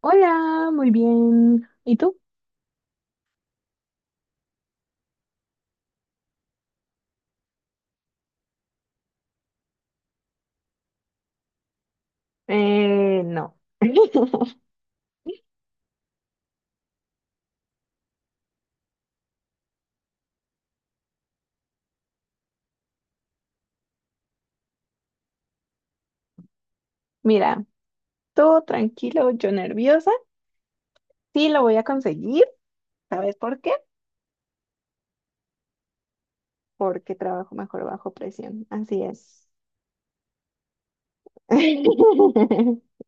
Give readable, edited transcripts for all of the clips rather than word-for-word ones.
Hola, muy bien. ¿Y tú? No. Mira, todo tranquilo, yo nerviosa. Sí, lo voy a conseguir. ¿Sabes por qué? Porque trabajo mejor bajo presión. Así es.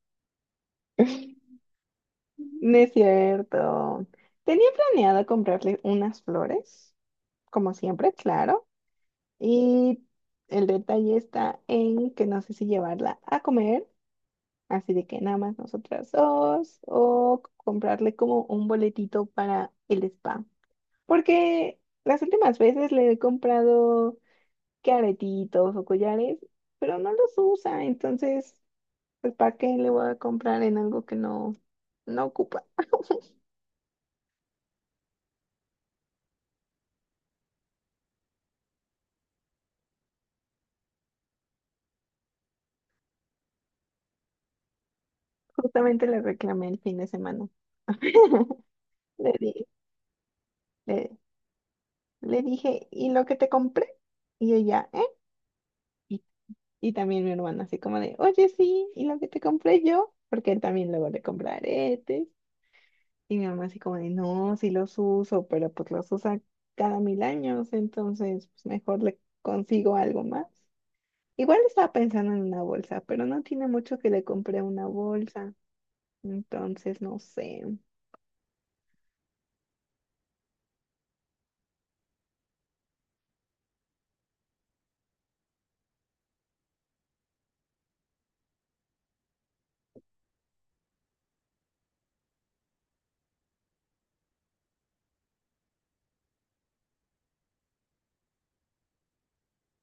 No es cierto. Tenía planeado comprarle unas flores, como siempre, claro. Y el detalle está en que no sé si llevarla a comer, así de que nada más nosotras dos, o comprarle como un boletito para el spa. Porque las últimas veces le he comprado que aretitos o collares, pero no los usa, entonces, pues ¿para qué le voy a comprar en algo que no ocupa? Justamente le reclamé el fin de semana. Le di- le, le dije, ¿y lo que te compré? Y ella, ¿eh? Y también mi hermano, así como de, oye, sí, y lo que te compré yo, porque él también luego le compra aretes. Y mi mamá, así como de, no, sí los uso, pero pues los usa cada mil años, entonces pues mejor le consigo algo más. Igual estaba pensando en una bolsa, pero no tiene mucho que le compré una bolsa, entonces no sé.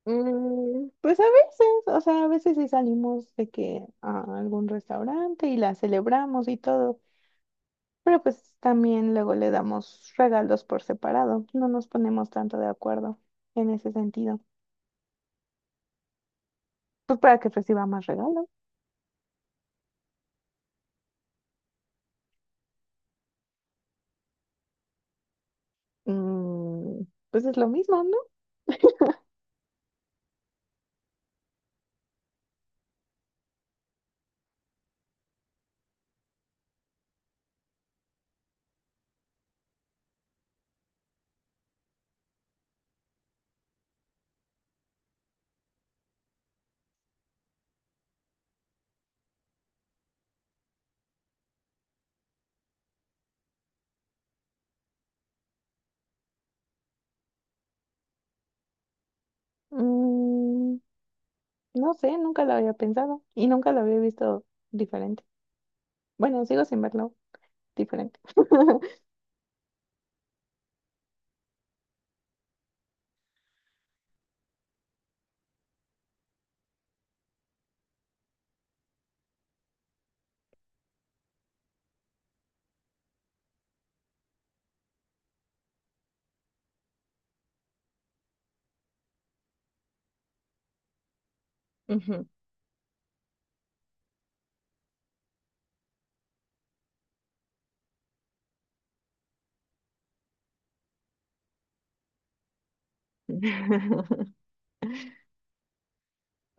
Pues a veces, o sea, a veces sí salimos de que a algún restaurante y la celebramos y todo. Pero pues también luego le damos regalos por separado. No nos ponemos tanto de acuerdo en ese sentido. Pues para que reciba más regalos. Mm, pues es lo mismo, ¿no? Mm, no sé, nunca lo había pensado y nunca lo había visto diferente. Bueno, sigo sin verlo diferente. Ujú.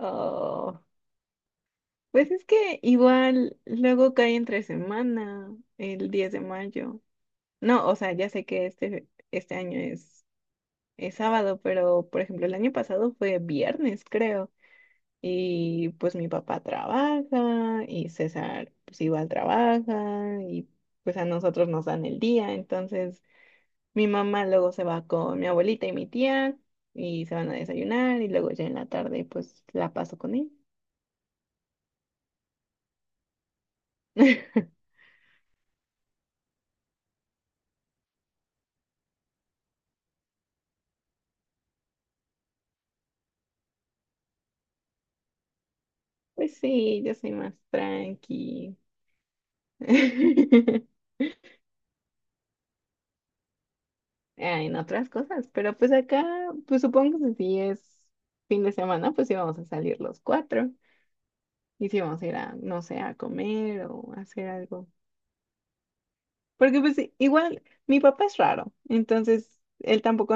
Oh, pues es que igual luego cae entre semana, el 10 de mayo. No, o sea, ya sé que este año es sábado, pero por ejemplo el año pasado fue viernes, creo. Y pues mi papá trabaja y César pues igual trabaja y pues a nosotros nos dan el día. Entonces mi mamá luego se va con mi abuelita y mi tía y se van a desayunar y luego ya en la tarde pues la paso con él. Pues sí, yo soy más tranqui. Ah, en otras cosas, pero pues acá, pues supongo que si es fin de semana, pues íbamos a salir los cuatro y si íbamos a ir a, no sé, a comer o a hacer algo. Porque pues igual mi papá es raro, entonces él tampoco.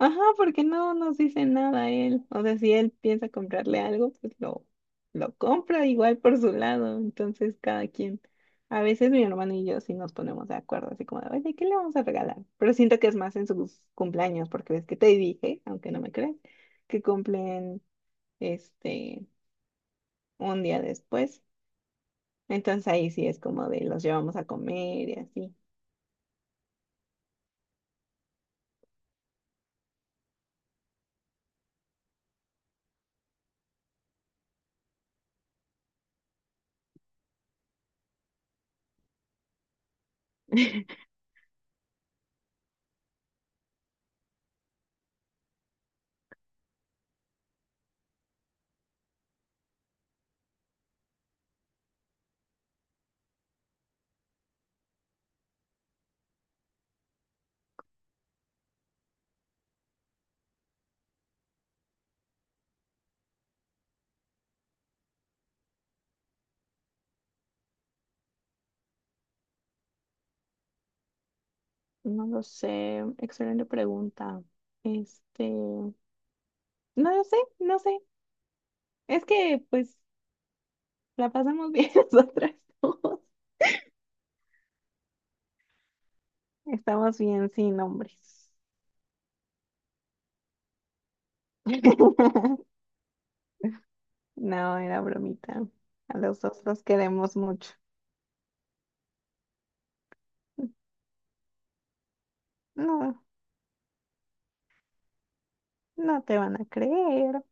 Ajá, porque no nos dice nada a él. O sea, si él piensa comprarle algo, lo compra igual por su lado. Entonces, cada quien. A veces mi hermano y yo sí nos ponemos de acuerdo, así como de, oye, ¿qué le vamos a regalar? Pero siento que es más en sus cumpleaños, porque ves que te dije, aunque no me creas, que cumplen este un día después. Entonces ahí sí es como de los llevamos a comer y así. No lo sé, excelente pregunta. No lo sé, no sé. Es que pues la pasamos bien nosotras dos. Estamos bien sin nombres. No, era bromita. A los dos los queremos mucho. No, no te van a creer.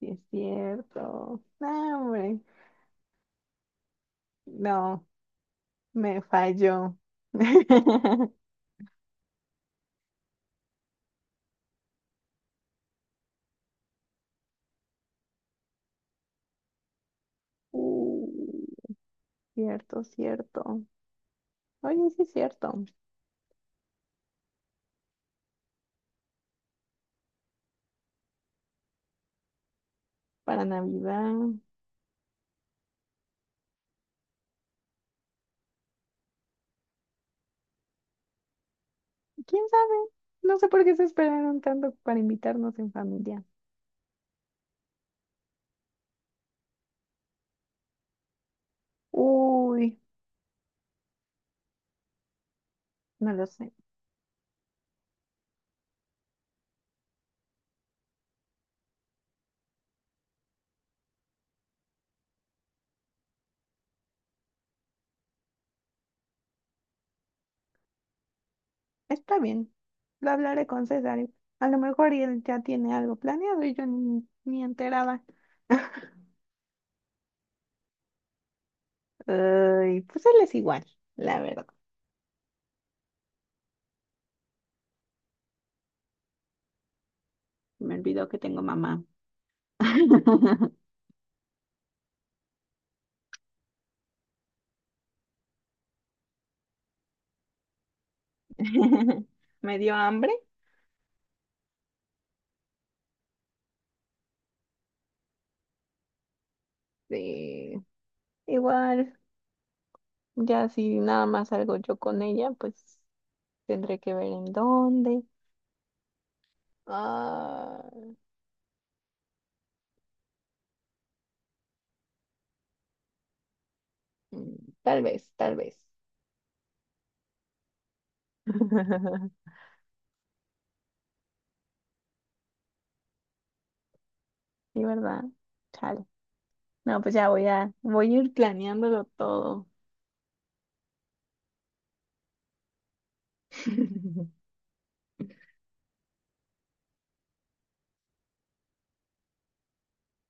Sí es cierto. No, hombre. No, me falló. Uh, cierto, cierto. Oye, sí es cierto. Para Navidad. ¿Quién sabe? No sé por qué se esperaron tanto para invitarnos en familia. Uy, no lo sé. Está bien. Lo hablaré con César. Y a lo mejor y él ya tiene algo planeado y yo ni enterada. Ay, pues él es igual, la verdad. Me olvidó que tengo mamá. Me dio hambre. Sí. Igual, ya si nada más salgo yo con ella, pues tendré que ver en dónde. Ah, mm, tal vez, tal vez. Sí, ¿verdad? Chale. No, pues voy a ir planeándolo todo.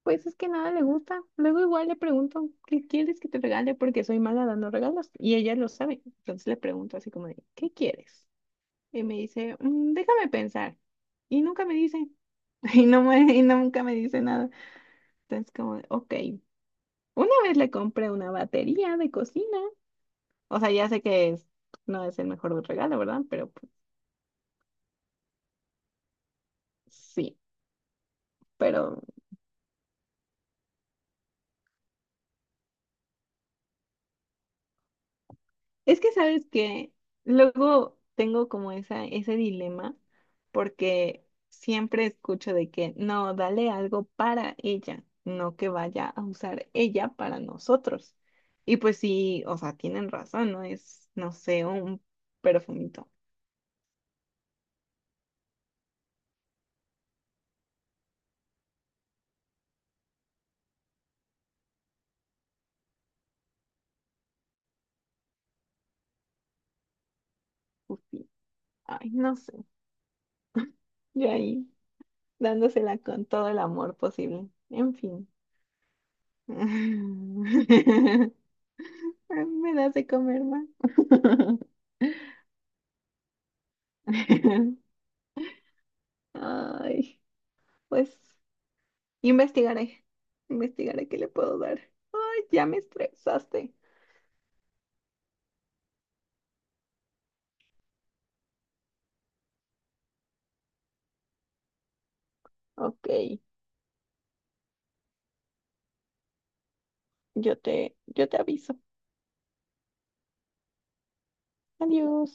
Pues es que nada le gusta. Luego igual le pregunto, ¿qué quieres que te regale? Porque soy mala dando regalos y ella lo sabe. Entonces le pregunto así como de, ¿qué quieres? Y me dice, "Mm, déjame pensar." Y nunca me dice, y nunca me dice nada. Entonces como, de, ok, una vez le compré una batería de cocina. O sea, ya sé que no es el mejor regalo, ¿verdad? Pero pues, sí, pero es que sabes que luego tengo como ese dilema porque siempre escucho de que no, dale algo para ella, no que vaya a usar ella para nosotros. Y pues sí, o sea, tienen razón, no es, no sé, un perfumito. Ufi. Ay, no sé, yo ahí dándosela con todo el amor posible. En fin. Me das de comer más. Ay. Pues investigaré, investigaré qué le puedo dar. Ay, ya me estresaste. Ok, yo te aviso. Adiós.